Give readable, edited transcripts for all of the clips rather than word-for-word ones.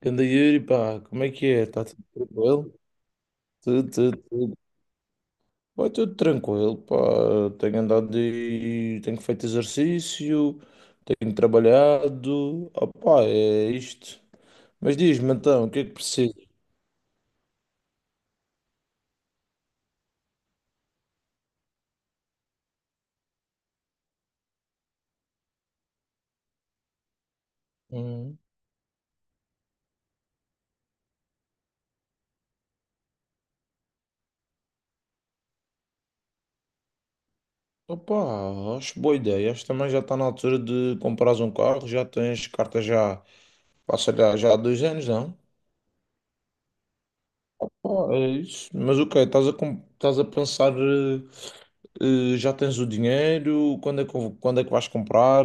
Ganda Yuri, pá, como é que é? Está tudo tranquilo? Tudo, tudo, tudo. Vai tudo tranquilo, pá. Tenho andado e tenho feito exercício, tenho trabalhado. Opá, é isto. Mas diz-me então, o que é que precisas? Hum. Opá, acho boa ideia. Acho que também já está na altura de comprares um carro. Já tens carta já, pá, sei lá, já há 2 anos, não? Ah, é isso. Mas o quê? Estás a pensar, já tens o dinheiro? Quando é que vais comprar?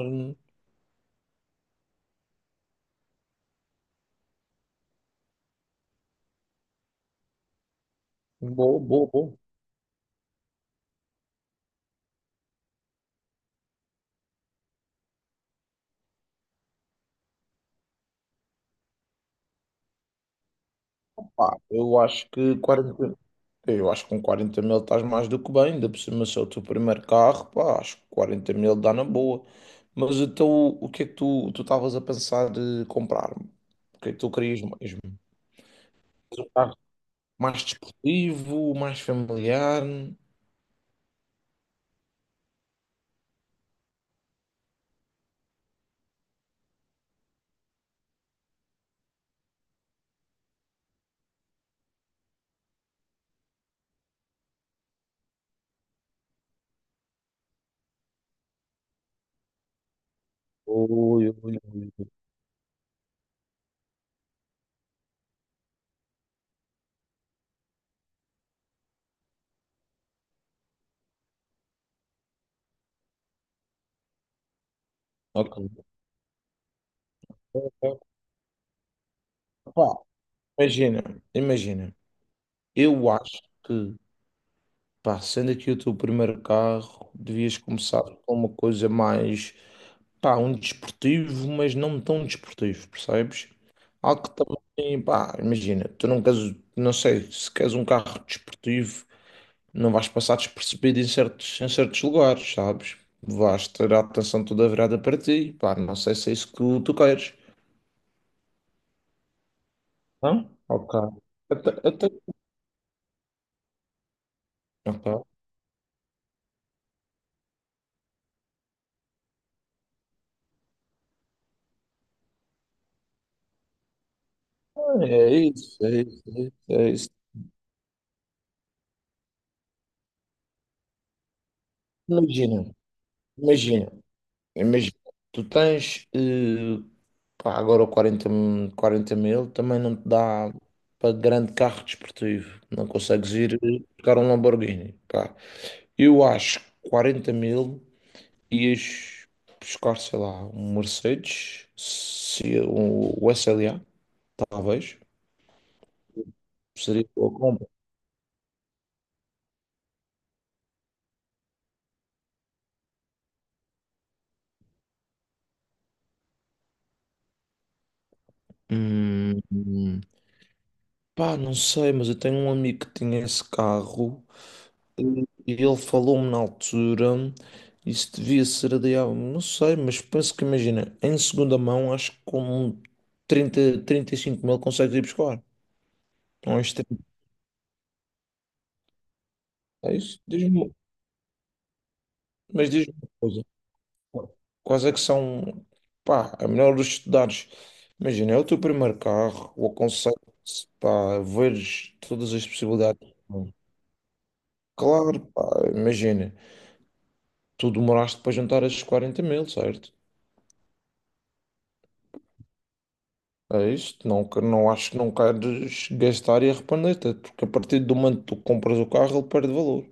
Boa, boa, boa. Pá, eu acho que 40. Eu acho que com 40.000 estás mais do que bem, ainda por cima se é o teu primeiro carro, pá, acho que 40.000 dá na boa. Mas então o que é que tu estavas a pensar de comprar? O que é que tu querias mesmo? Um carro mais desportivo, mais familiar? Ui, ui, ui. Ok. Pá, imagina, imagina. Eu acho que, pá, sendo aqui o teu primeiro carro, devias começar com uma coisa mais, pá, um desportivo, mas não tão desportivo, percebes? Algo que também, pá, imagina, tu não queres, não sei, se queres um carro desportivo, não vais passar despercebido em certos lugares, sabes? Vais ter a atenção toda virada para ti, pá, não sei se é isso que tu queres. Não? Ok. Até, até, ok. É isso, é isso, é isso, é isso. Imagina, imagina, imagina. Tu tens, pá, agora o 40 mil também não te dá para grande carro desportivo. Não consegues ir buscar um Lamborghini, pá. Eu acho que 40 mil ias buscar, sei lá, um Mercedes, se, um, o S L A talvez. Seria boa compra. Hum, hum. Pá, não sei, mas eu tenho um amigo que tinha esse carro. E ele falou-me na altura, isso devia ser adiado, não sei, mas penso que imagina, em segunda mão, acho que com um trinta, 35.000 consegues ir buscar. Não é extremo. É isso? Diz-me uma coisa. Quais é que são, pá, a melhor dos estudares? Imagina, é o teu primeiro carro, o aconselho, pá, veres todas as possibilidades. Claro, pá, imagina, tu demoraste para juntar esses 40.000, certo? É isto, não, não acho que não queres gastar e arrepender-te, é porque a partir do momento que tu compras o carro, ele perde valor.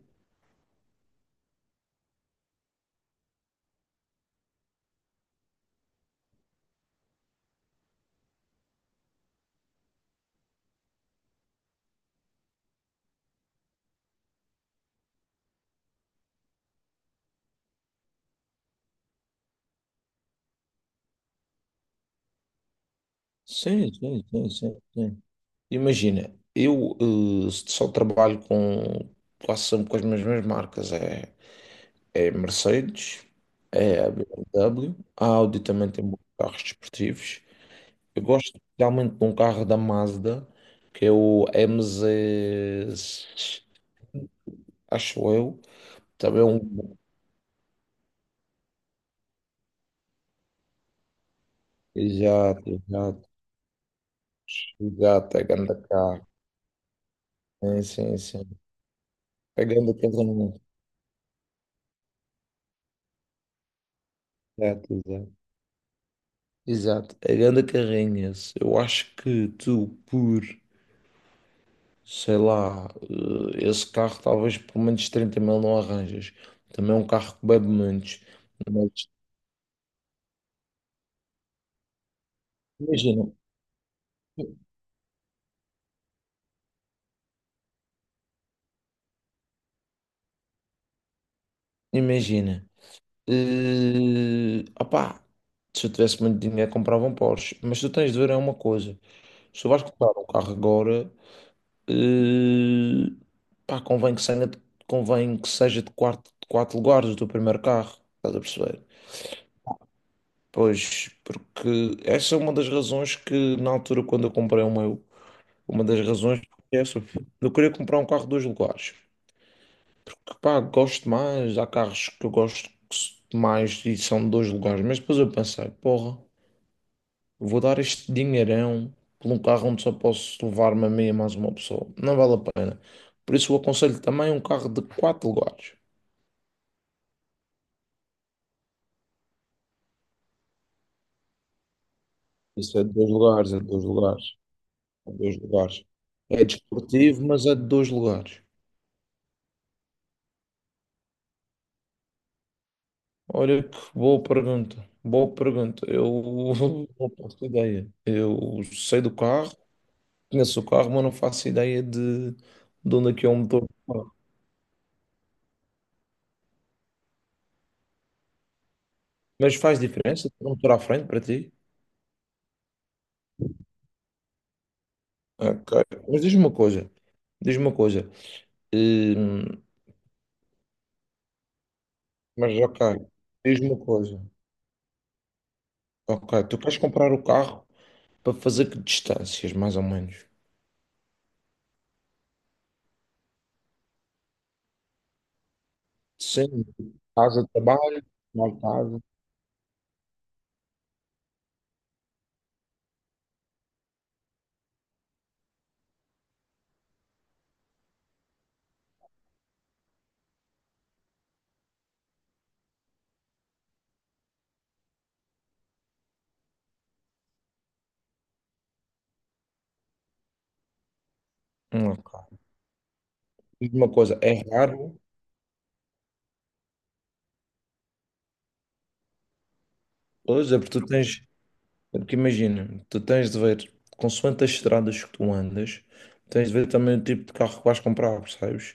Sim, sim, sim, sim, sim. Imagina, eu só trabalho com quase sempre com as mesmas marcas, é Mercedes, é a BMW, a Audi também tem bons carros desportivos. Eu gosto especialmente de um carro da Mazda, que é o MZ, acho eu, também é um... Exato, exato. Exato, pegando a carro. Sim, sim, sim. Pegando o carrinho. Exato, exato. Exato, pegando a carrinha. Eu acho que tu, sei lá, esse carro talvez por menos 30 mil não arranjas. Também é um carro que bebe menos. Mas imagina, imagina. Opá, se eu tivesse muito dinheiro comprava um Porsche. Mas tu tens de ver é uma coisa. Se tu vais comprar um carro agora, Eh, pá, convém que seja de quatro lugares do primeiro carro, estás a perceber? Pois, porque essa é uma das razões que, na altura, quando eu comprei o meu, uma das razões é essa. Eu queria comprar um carro de dois lugares, porque, pá, gosto mais, há carros que eu gosto mais e são de dois lugares, mas depois eu pensei, porra. Vou dar este dinheirão por um carro onde só posso levar-me a mim e mais uma pessoa. Não vale a pena. Por isso, eu aconselho também um carro de quatro lugares. Isso é de dois lugares, é de dois lugares, é de dois lugares. É desportivo, mas é de dois lugares. Olha que boa pergunta. Boa pergunta. Eu não faço ideia. Eu sei do carro, conheço o carro, mas não faço ideia de onde é que é o motor do carro. Mas faz diferença ter um motor à frente para ti? Ok. Mas diz-me uma coisa. Diz-me uma coisa. Hum, mas ok. Diz-me uma coisa. Ok. Tu queres comprar o carro para fazer que distâncias, mais ou menos? Sim. Casa, trabalho, mal casa. Ok. Diz-me uma coisa. É raro hoje, é porque tu tens. É porque imagina, tu tens de ver, consoante as estradas que tu andas, tens de ver também o tipo de carro que vais comprar, percebes?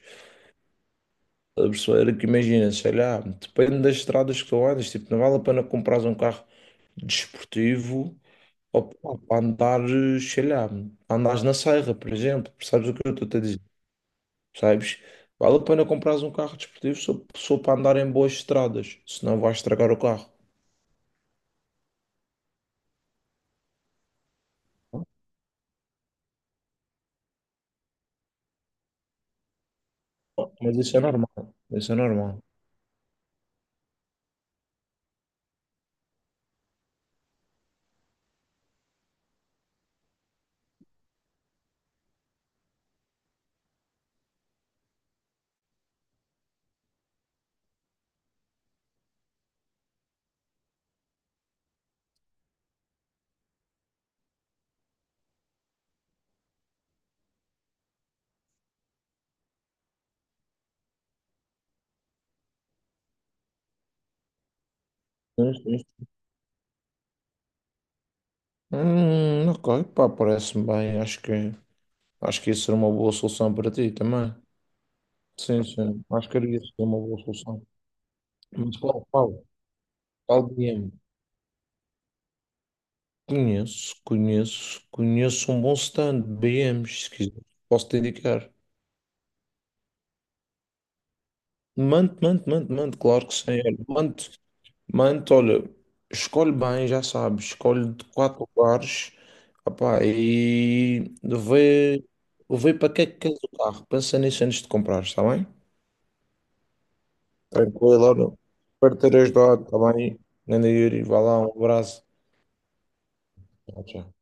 A pessoa era que imagina, sei lá, depende das estradas que tu andas, tipo, não vale a pena comprares um carro desportivo, ou pá, para andar, sei lá, andares na serra, por exemplo, percebes o que eu estou a dizer? Percebes? Vale a pena comprares um carro desportivo só, só para andar em boas estradas, senão vais estragar o carro. Mas isso é normal, isso é normal. Sim, sim. Ok, pá, parece-me bem. Acho que isso era uma boa solução para ti também. Sim, sim, acho que era isso, uma boa solução. Mas qual DM? Conheço um bom stand, BMs, se quiser, posso te indicar. Claro que sim. Olha, olha, escolhe bem, já sabes, escolhe de quatro lugares, opá, e vê para que é que queres o carro, pensa nisso antes de comprar, está bem? Tranquilo, olha, espero ter ajudado, está bem? Grande Yuri, vá lá, um abraço. Tchau, tchau.